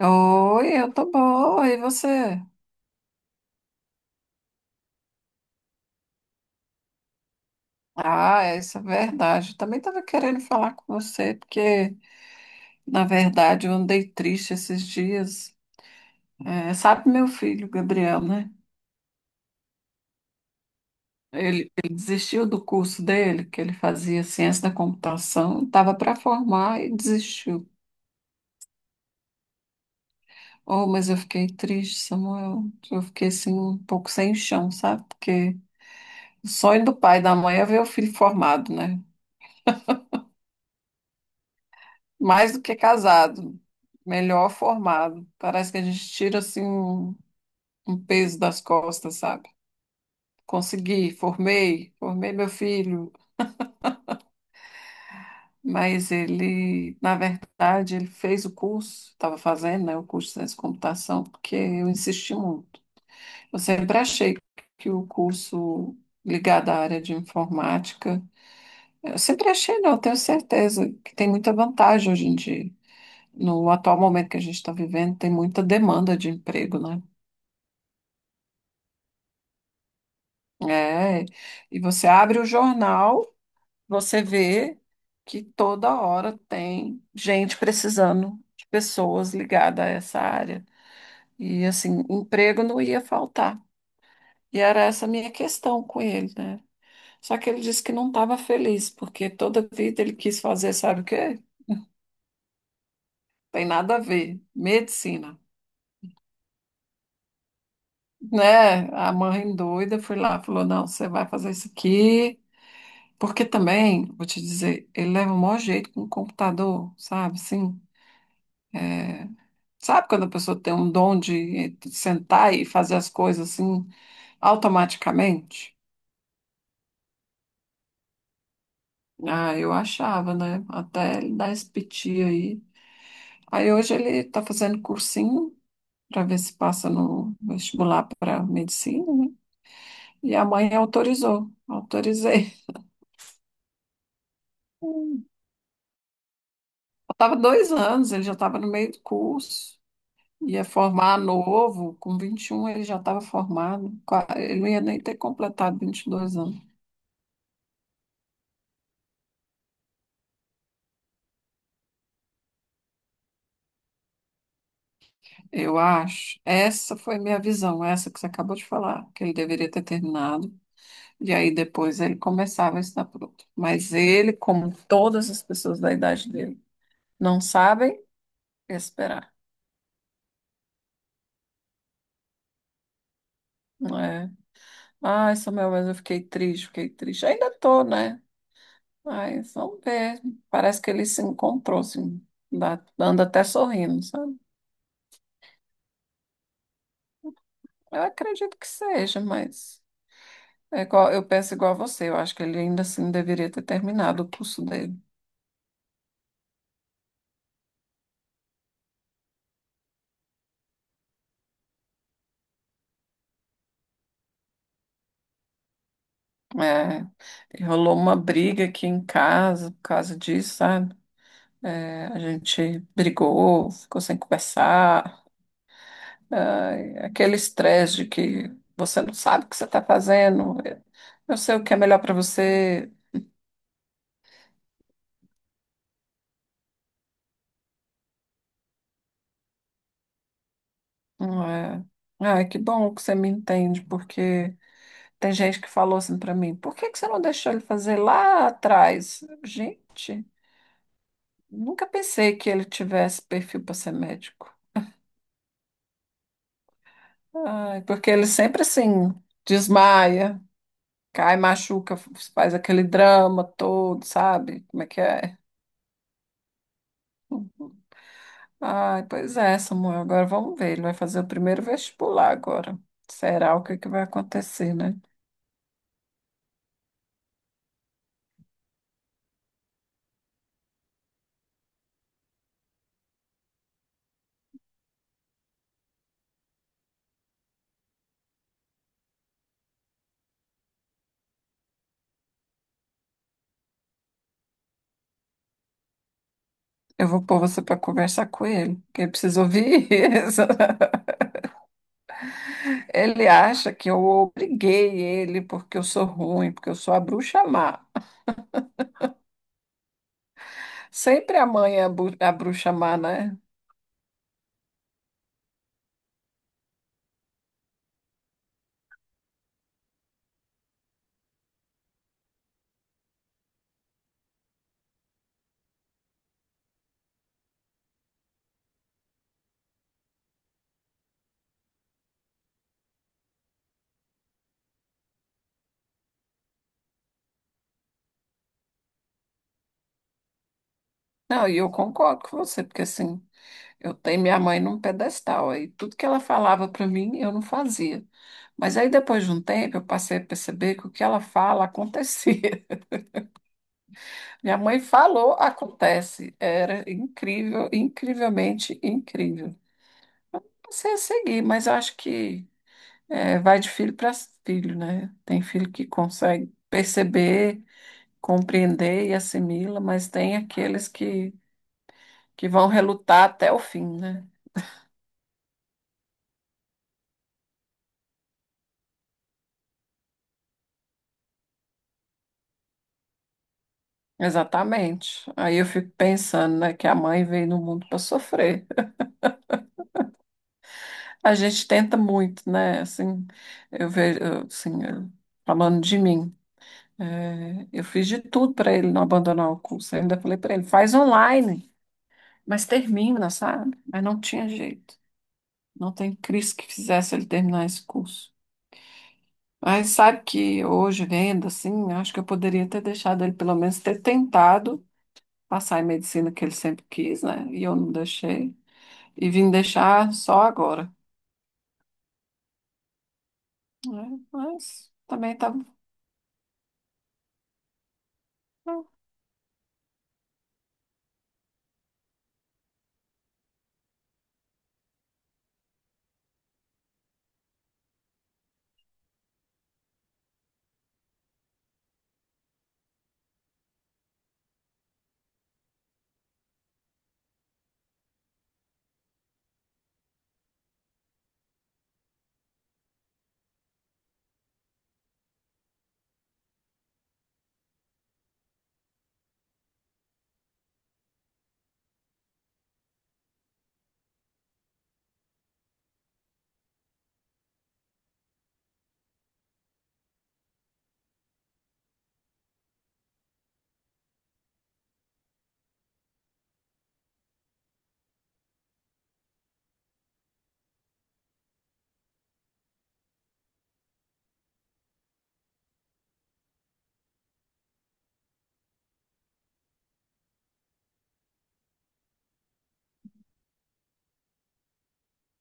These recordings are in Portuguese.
Oi, eu tô boa, e você? Ah, isso é verdade. Eu também estava querendo falar com você, porque, na verdade, eu andei triste esses dias. É, sabe meu filho, Gabriel, né? Ele desistiu do curso dele, que ele fazia ciência da computação, estava para formar e desistiu. Oh, mas eu fiquei triste, Samuel. Eu fiquei, assim, um pouco sem chão, sabe? Porque o sonho do pai e da mãe é ver o filho formado, né? Mais do que casado, melhor formado. Parece que a gente tira assim um peso das costas, sabe? Consegui, formei, formei meu filho, mas ele, na verdade, ele fez o curso, estava fazendo, né, o curso de ciência da computação, porque eu insisti muito. Eu sempre achei que o curso ligado à área de informática, eu sempre achei, não, eu tenho certeza que tem muita vantagem hoje em dia. No atual momento que a gente está vivendo, tem muita demanda de emprego, né? É, e você abre o jornal, você vê que toda hora tem gente precisando de pessoas ligadas a essa área. E assim, emprego não ia faltar. E era essa a minha questão com ele, né? Só que ele disse que não estava feliz, porque toda vida ele quis fazer, sabe o quê? Tem nada a ver, medicina. Né? A mãe doida foi lá, falou: não, você vai fazer isso aqui. Porque também, vou te dizer, ele leva o maior jeito com o computador, sabe? Assim, sabe quando a pessoa tem um dom de sentar e fazer as coisas assim automaticamente? Ah, eu achava, né? Até ele dar esse piti aí. Aí hoje ele tá fazendo cursinho para ver se passa no vestibular para medicina, né? E a mãe autorizou, autorizei. Hum. Eu tava 2 anos, ele já estava no meio do curso. Ia formar novo, com 21 ele já estava formado, ele não ia nem ter completado 22 anos, eu acho. Essa foi minha visão, essa que você acabou de falar, que ele deveria ter terminado, e aí depois ele começava a ensinar para outro. Mas ele, como todas as pessoas da idade dele, não sabem esperar, não é? Ai, Samuel, mas eu fiquei triste, fiquei triste. Ainda tô, né? Mas vamos ver, parece que ele se encontrou, assim, anda até sorrindo, sabe? Eu acredito que seja, mas é igual, eu penso igual a você. Eu acho que ele ainda assim deveria ter terminado o curso dele. É, e rolou uma briga aqui em casa por causa disso, sabe? É, a gente brigou, ficou sem conversar. É, aquele estresse de que você não sabe o que você está fazendo. Eu sei o que é melhor para você. Não. É, ai, que bom que você me entende, porque. Tem gente que falou assim para mim, por que que você não deixou ele fazer lá atrás? Gente, nunca pensei que ele tivesse perfil para ser médico. Ai, porque ele sempre assim desmaia, cai, machuca, faz aquele drama todo, sabe? Como é que é? Ai, pois é, Samuel. Agora vamos ver. Ele vai fazer o primeiro vestibular agora. Será o que que vai acontecer, né? Eu vou pôr você para conversar com ele, porque ele precisa ouvir isso. Ele acha que eu obriguei ele porque eu sou ruim, porque eu sou a bruxa má. Sempre a mãe é a, a bruxa má, né? Não, e eu concordo com você, porque assim, eu tenho minha mãe num pedestal, aí tudo que ela falava para mim, eu não fazia. Mas aí depois de um tempo, eu passei a perceber que o que ela fala acontecia. Minha mãe falou, acontece. Era incrível, incrivelmente incrível. Passei a seguir, mas eu acho que é, vai de filho para filho, né? Tem filho que consegue perceber, compreender e assimila, mas tem aqueles que vão relutar até o fim, né? Exatamente. Aí eu fico pensando, né, que a mãe veio no mundo para sofrer. A gente tenta muito, né? Assim, eu vejo, eu, assim, falando de mim, é, eu fiz de tudo para ele não abandonar o curso. Eu ainda falei para ele, faz online, mas termina, sabe? Mas não tinha jeito. Não tem Cris que fizesse ele terminar esse curso. Mas sabe que hoje, vendo assim, acho que eu poderia ter deixado ele pelo menos ter tentado passar em medicina que ele sempre quis, né? E eu não deixei. E vim deixar só agora. Né? Mas também tá.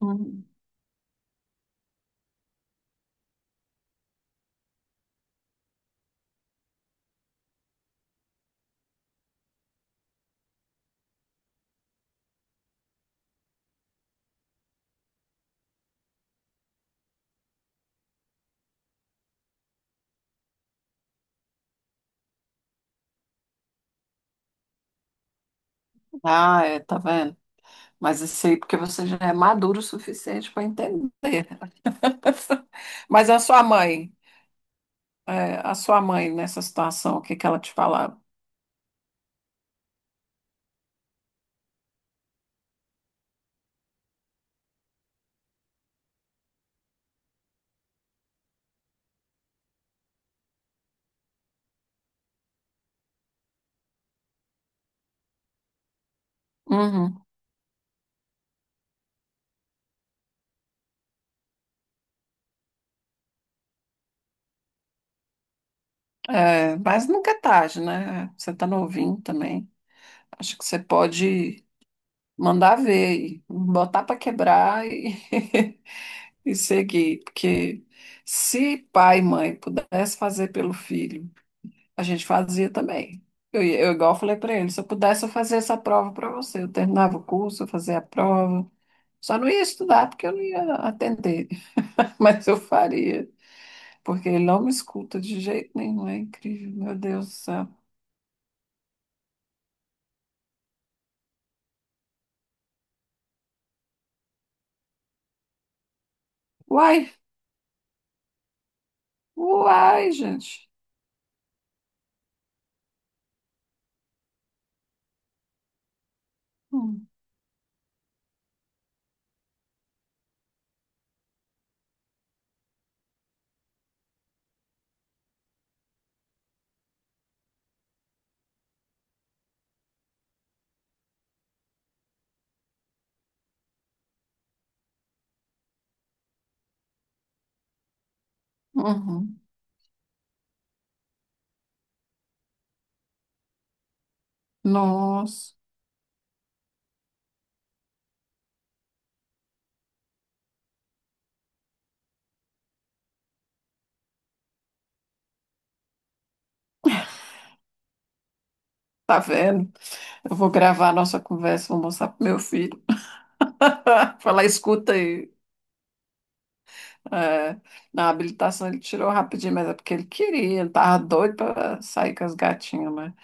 Hum. Ah, é, tá vendo? Mas isso aí porque você já é maduro o suficiente para entender. Mas a sua mãe, é, a sua mãe nessa situação, o que que ela te falava? Uhum. É, mas nunca é tarde, né? Você tá novinho também. Acho que você pode mandar ver e botar para quebrar e seguir. Porque se pai e mãe pudesse fazer pelo filho, a gente fazia também. Eu igual falei para ele, se eu pudesse eu fazia essa prova para você. Eu terminava o curso, eu fazia a prova. Só não ia estudar porque eu não ia atender, mas eu faria, porque ele não me escuta de jeito nenhum, é incrível, meu Deus do céu. Uai, uai, gente. Hum, uhum. Nossa, tá vendo? Eu vou gravar a nossa conversa, vou mostrar pro meu filho. Falar, escuta aí. É, na habilitação ele tirou rapidinho, mas é porque ele queria, ele tava doido para sair com as gatinhas, né?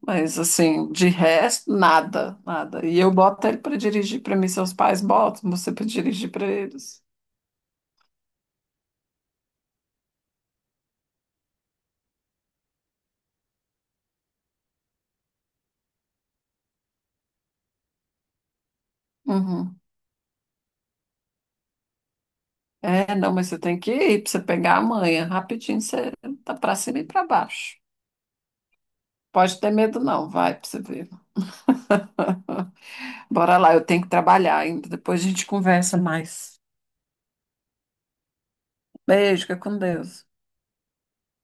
Mas assim, de resto, nada, nada. E eu boto ele para dirigir para mim, seus pais botam você para dirigir para eles. Uhum. É, não, mas você tem que ir para você pegar a manha, rapidinho você tá para cima e para baixo. Pode ter medo, não. Vai pra você ver. Bora lá, eu tenho que trabalhar ainda. Depois a gente conversa mais. Beijo, fica com Deus.